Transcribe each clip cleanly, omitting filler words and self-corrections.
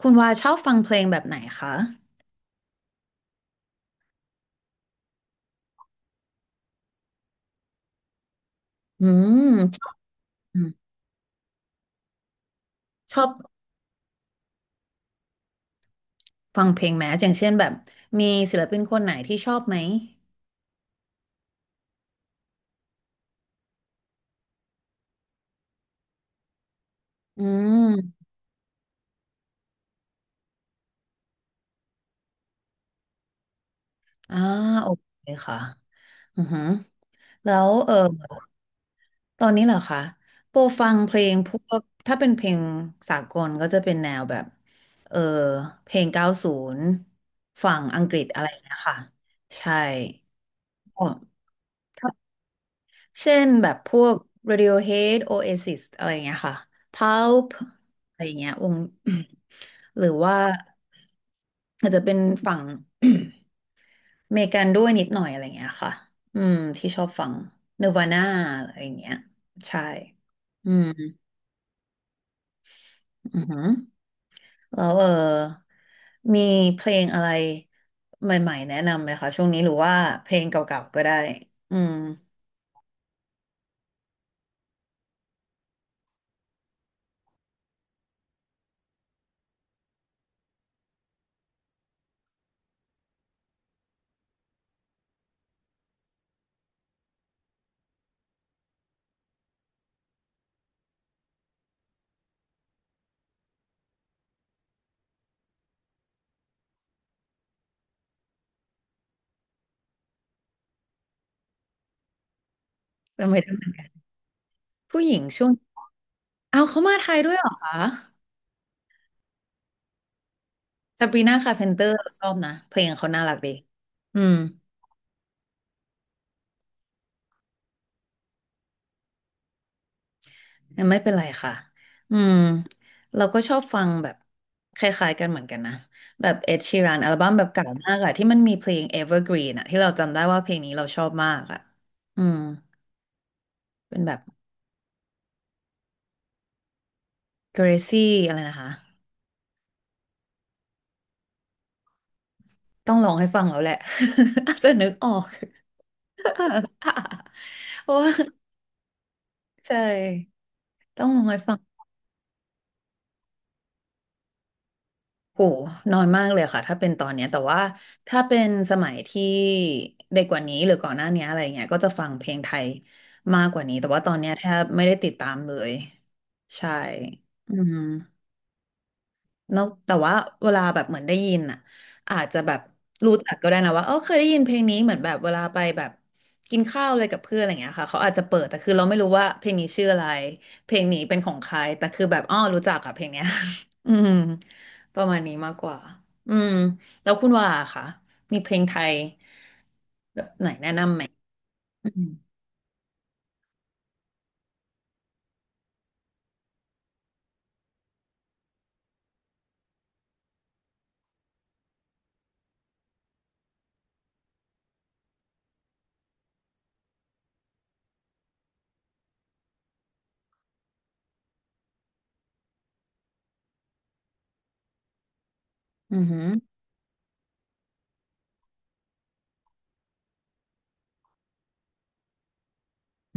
คุณวาชอบฟังเพลงแบบไหนคะอืมชอบฟังเพลงไหมอย่างเช่นแบบมีศิลปินคนไหนที่ชอบไหมอืมอ่าโอเคค่ะอือหือแล้วตอนนี้เหรอคะโปรฟังเพลงพวกถ้าเป็นเพลงสากลก็จะเป็นแนวแบบเออเพลง90ฝั่งอังกฤษอะไรอย่างเงี้ยค่ะ ใช่อ๋อ เช่นแบบพวก Radiohead Oasis อะไรอย่างเงี้ยค่ะ Pulp อะไรอย่างเงี้ยวง หรือว่าอาจจะเป็นฝั่ง อเมริกันด้วยนิดหน่อยอะไรอย่างเงี้ยค่ะอืมที่ชอบฟัง Nirvana อะไรอย่างเงี้ยใช่อืมอือหือแล้วมีเพลงอะไรใหม่ๆแนะนำไหมคะช่วงนี้หรือว่าเพลงเก่าๆก็ได้อืมทำไมถึงผู้หญิงช่วงเอาเขามาไทยด้วยเหรอคะ ซาบรีนาคาร์เพนเตอร์เราชอบนะเพลงเขาน่ารักดีอืมยังไม่เป็นไรค่ะอืมเราก็ชอบฟังแบบคล้ายๆกันเหมือนกันนะแบบเอ็ดชีรันอัลบั้มแบบเก่ามากอะที่มันมีเพลง Evergreen อะที่เราจำได้ว่าเพลงนี้เราชอบมากอะอืมเป็นแบบ Gracie อะไรนะคะต้องลองให้ฟังแล้วแหละ อาจจะนึกออกเพราะว่าใช่ต้องลองให้ฟัง โหน้อยมากเลยค่ะถ้าเป็นตอนเนี้ยแต่ว่าถ้าเป็นสมัยที่เด็กกว่านี้หรือก่อนหน้านี้อะไรเงี้ยก็จะฟังเพลงไทยมากกว่านี้ แต่ว่าตอนเนี้ยแทบไม่ได้ติดตามเลย ใช่อืม นอกแต่ว่าเวลาแบบเหมือนได้ยินอ่ะอาจจะแบบรู้จักก็ได้นะว่าเออเคยได้ยินเพลงนี้เหมือนแบบเวลาไปแบบกินข้าวอะไรกับเพื่อนอะไรอย่างเงี้ยค่ะเขาอาจจะเปิดแต่คือเราไม่รู้ว่าเพลงนี้ชื่ออะไรเพลงนี้เป็นของใครแต่คือแบบอ้อรู้จักกับเพลงเนี้ย อืมประมาณนี้มากกว่าอืมแล้วคุณว่าค่ะมีเพลงไทยแบบไหนแนะนำไหมอืมอือหือ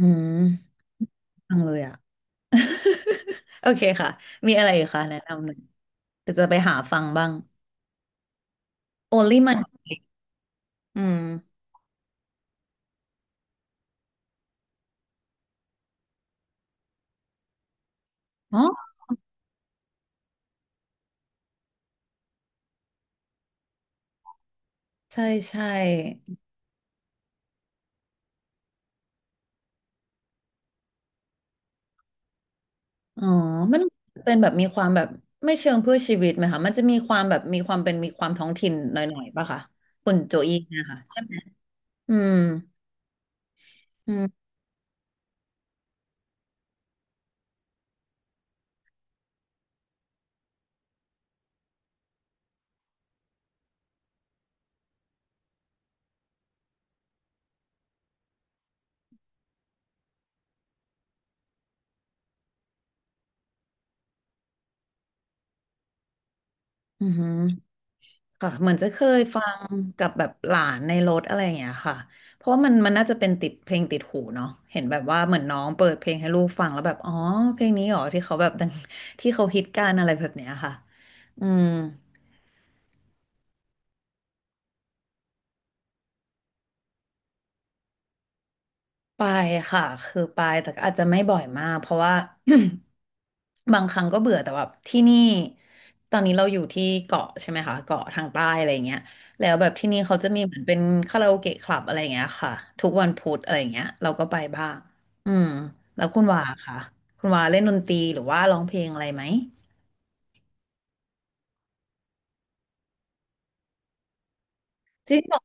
อืมฟังเลยอ่ะ โอเคค่ะมีอะไรอีกคะแนะนำหน่อยเดี๋ยวจะไปหาฟังบ้าง โอลิมันอืมอ๋อใช่ใช่อ๋อมันเป็นแบบมีความแบบไม่เชิงเพื่อชีวิตไหมคะมันจะมีความแบบมีความเป็นมีความท้องถิ่นหน่อยๆป่ะคะคุณโจอี้นะคะใช่ไหมอืมอืมอืมค่ะเหมือนจะเคยฟังกับแบบหลานในรถอะไรอย่างเงี้ยค่ะเพราะว่ามันน่าจะเป็นติดเพลงติดหูเนาะเห็นแบบว่าเหมือนน้องเปิดเพลงให้ลูกฟังแล้วแบบอ๋อเพลงนี้เหรอที่เขาแบบดังที่เขาฮิตกันอะไรแบบเนี้ยค่ะอืม ไปค่ะคือไปแต่ก็อาจจะไม่บ่อยมากเพราะว่า บางครั้งก็เบื่อแต่แบบที่นี่ตอนนี้เราอยู่ที่เกาะใช่ไหมคะเกาะทางใต้อะไรเงี้ยแล้วแบบที่นี่เขาจะมีเหมือนเป็นคาราโอเกะคลับอะไรเงี้ยค่ะทุกวันพุธอะไรเงี้ยเราก็ไปบ้างอืมแล้วคุณวาค่ะคุณวาเล่นดนตรีหรือว่าร้องเพลงอะไรไหมจริงเหรอ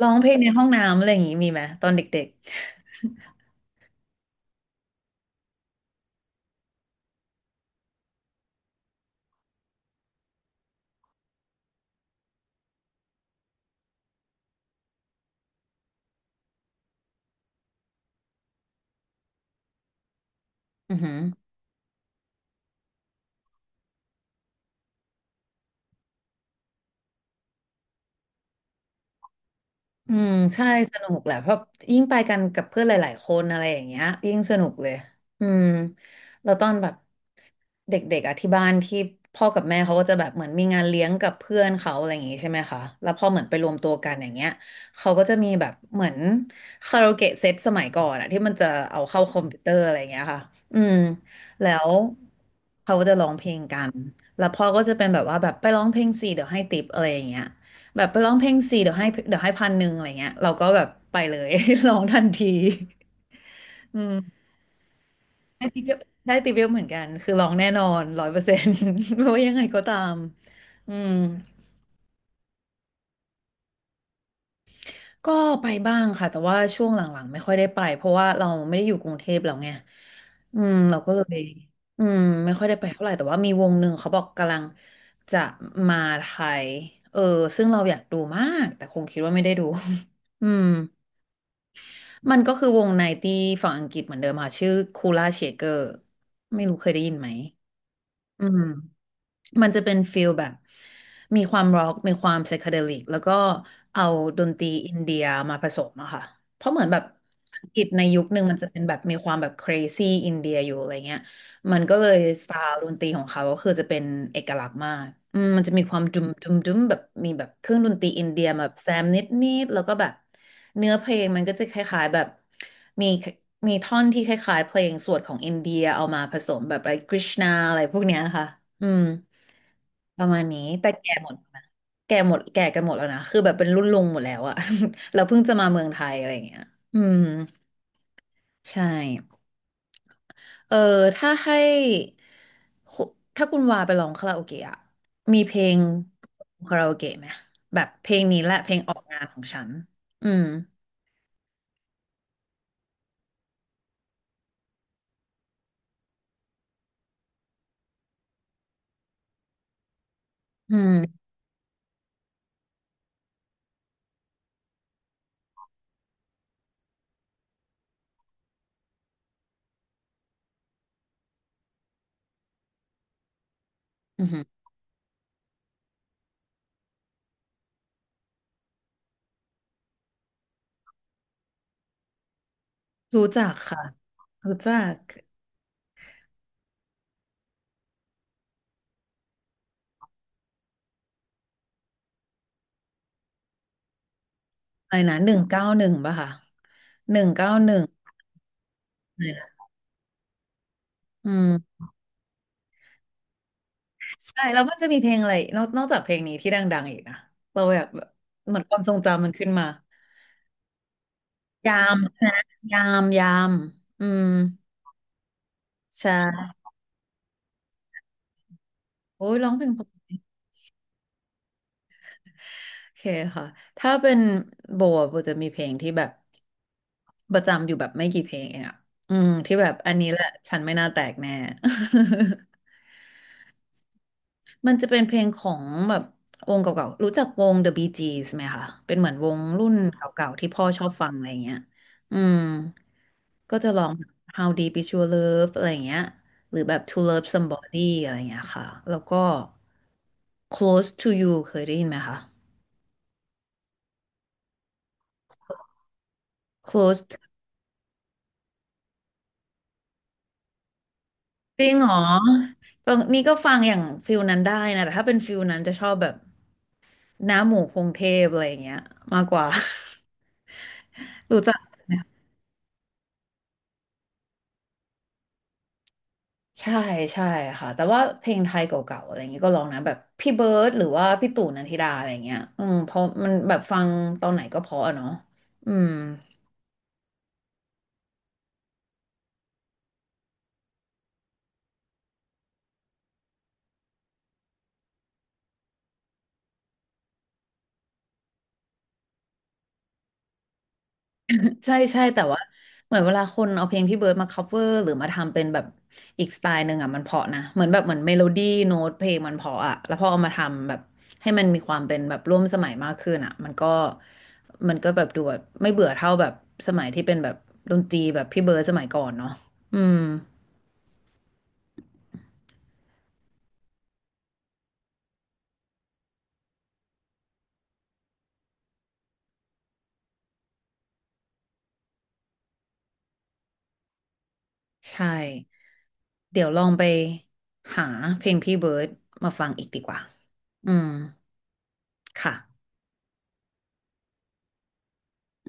ร้องเพลงในห้องน้ำอะไรอย่างงี้มีไหมตอนเด็กๆอือหือ อืมใช่สนุกแหละเพราะยิ่งไปกันกับเพื่อนหลาย ๆ คนอะไรอย่างเงี้ยยิ่งสนุกเลยอืมแล้วตอนแบบเด็กๆอ่ะที่บ้านที่พ่อกับแม่เขาก็จะแบบเหมือนมีงานเลี้ยงกับเพื่อนเขาอะไรอย่างงี้ใช่ไหมคะแล้วพอเหมือนไปรวมตัวกันอย่างเงี้ยเขาก็จะมีแบบเหมือนคาราโอเกะเซตสมัยก่อนอ่ะที่มันจะเอาเข้าคอมพิวเตอร์อะไรอย่างเงี้ยค่ะอืมแล้วเขาก็จะร้องเพลงกันแล้วพ่อก็จะเป็นแบบว่าแบบไปร้องเพลงสิเดี๋ยวให้ติปอะไรอย่างเงี้ย แบบไปร้องเพลงส่เดี๋ยวให้เดี๋ยวให้1,100อะไรเงี้ยเราก็แบบไปเลย ร้องทันทีอืมได้ติปเยอะได้ติปเยอะเหมือนกันคือร้องแน่นอน100% ไม่ว่ายังไงก็ตามอืมก็ไปบ้างค่ะแต่ว่าช่วงหลังๆไม่ค่อยได้ไปเพราะว่าเราไม่ได้อยู่กรุงเทพแล้วไงอืมเราก็เลยอืมไม่ค่อยได้ไปเท่าไหร่แต่ว่ามีวงหนึ่งเขาบอกกำลังจะมาไทยเออซึ่งเราอยากดูมากแต่คงคิดว่าไม่ได้ดู อืม มันก็คือวงไนตี้ฝั่งอังกฤษเหมือนเดิมค่ะชื่อคูล่าเชเกอร์ไม่รู้เคยได้ยินไหมอืมมันจะเป็นฟิลแบบมีความร็อกมีความไซเคเดลิกแล้วก็เอาดนตรีอินเดียมาผสมอะค่ะเพราะเหมือนแบบอังกฤษในยุคหนึ่งมันจะเป็นแบบมีความแบบ crazy อินเดียอยู่อะไรเงี้ย มันก็เลยสไตล์ดนตรีของเขาก็คือจะเป็นเอกลักษณ์มากอืมมันจะมีความดุมดุมดุมแบบมีแบบเครื่องดนตรีอินเดียแบบแซมนิดนิดแล้วก็แบบเนื้อเพลงมันก็จะคล้ายๆแบบมีมีท่อนที่คล้ายๆเพลงสวดของอินเดียเอามาผสมแบบอะไรกริชนาอะไรพวกเนี้ยค่ะอืมประมาณนี้แต่แก่หมดนะแก่หมดแก่กันหมดแล้วนะคือแบบเป็นรุ่นลุงหมดแล้วอะ เราเพิ่งจะมาเมืองไทยอะไรอย่างเงี้ยอืมใช่ เออถ้าให้คุถ้าคุณวาไปร้องคาราโอเกะอะมีเพลงคาราโอเกะไหมแบบเพลงนี้แหละเพลงออกงานของฉันอืมอืมอืมรู้จักค่ะรู้จักอะไรนะหนึ่งเก้าหนึ่งป่ะค่ะหนึ่งเก้าหนึ่งอะไรนะอืมใช่แล้วมันจะมีเพลงอะไรนอกจากเพลงนี้ที่ดังๆอีกนะเราอยากแบบเหมือนความทรงจำมันขึ้นมายามใช่ไหมยามยามอืมใช่โอ้ยร้องเพลงเพราะ โอเคค่ะ ถ้าเป็นโบอะโบจะมีเพลงที่แบบประจำอยู่แบบไม่กี่เพลงเองอ่ะ อืมที่แบบอันนี้แหละฉันไม่น่าแตกแน่ มันจะเป็นเพลงของแบบวงเก่าๆ รู้จักวง The Bee Gees ไหมคะเป็นเหมือนวงรุ่นเก่าๆที่พ่อชอบฟังอะไรเงี้ย อืมก็จะลอง How Deep Is Your Love อะไรเงี้ย หรือแบบ To Love Somebody อะไรเงี้ยค่ะ แล้วก็ Close to You เคยได้ยินไหมคะ Close จริงเหรอตรงนี้ก็ฟังอย่างฟิลนั้นได้นะแต่ถ้าเป็นฟิลนั้นจะชอบแบบน้าหมูพงเทพอะไรอย่างเงี้ยมากกว่า รู้จักไหมใช่ใช่ค่ะแต่ว่าเพลงไทยเก่าๆอะไรอย่างเงี้ยก็ลองนะแบบพี่เบิร์ดหรือว่าพี่ตู่นันทิดาอะไรอย่างเงี้ยอืมเพราะมันแบบฟังตอนไหนก็เพราะอะเนาะอืม ใช่ใช่แต่ว่าเหมือนเวลาคนเอาเพลงพี่เบิร์ดมา cover หรือมาทำเป็นแบบอีกสไตล์หนึ่งอ่ะมันเพราะนะเหมือนแบบเหมือนเมโลดี้โน้ตเพลงมันเพราะอ่ะแล้วพอเอามาทำแบบให้มันมีความเป็นแบบร่วมสมัยมากขึ้นอ่ะมันก็แบบดูแบบไม่เบื่อเท่าแบบสมัยที่เป็นแบบดนตรีแบบพี่เบิร์ดสมัยก่อนเนาะอืมใช่เดี๋ยวลองไปหาเพลงพี่เบิร์ดมาฟังอีกดีกว่าอืมค่ะ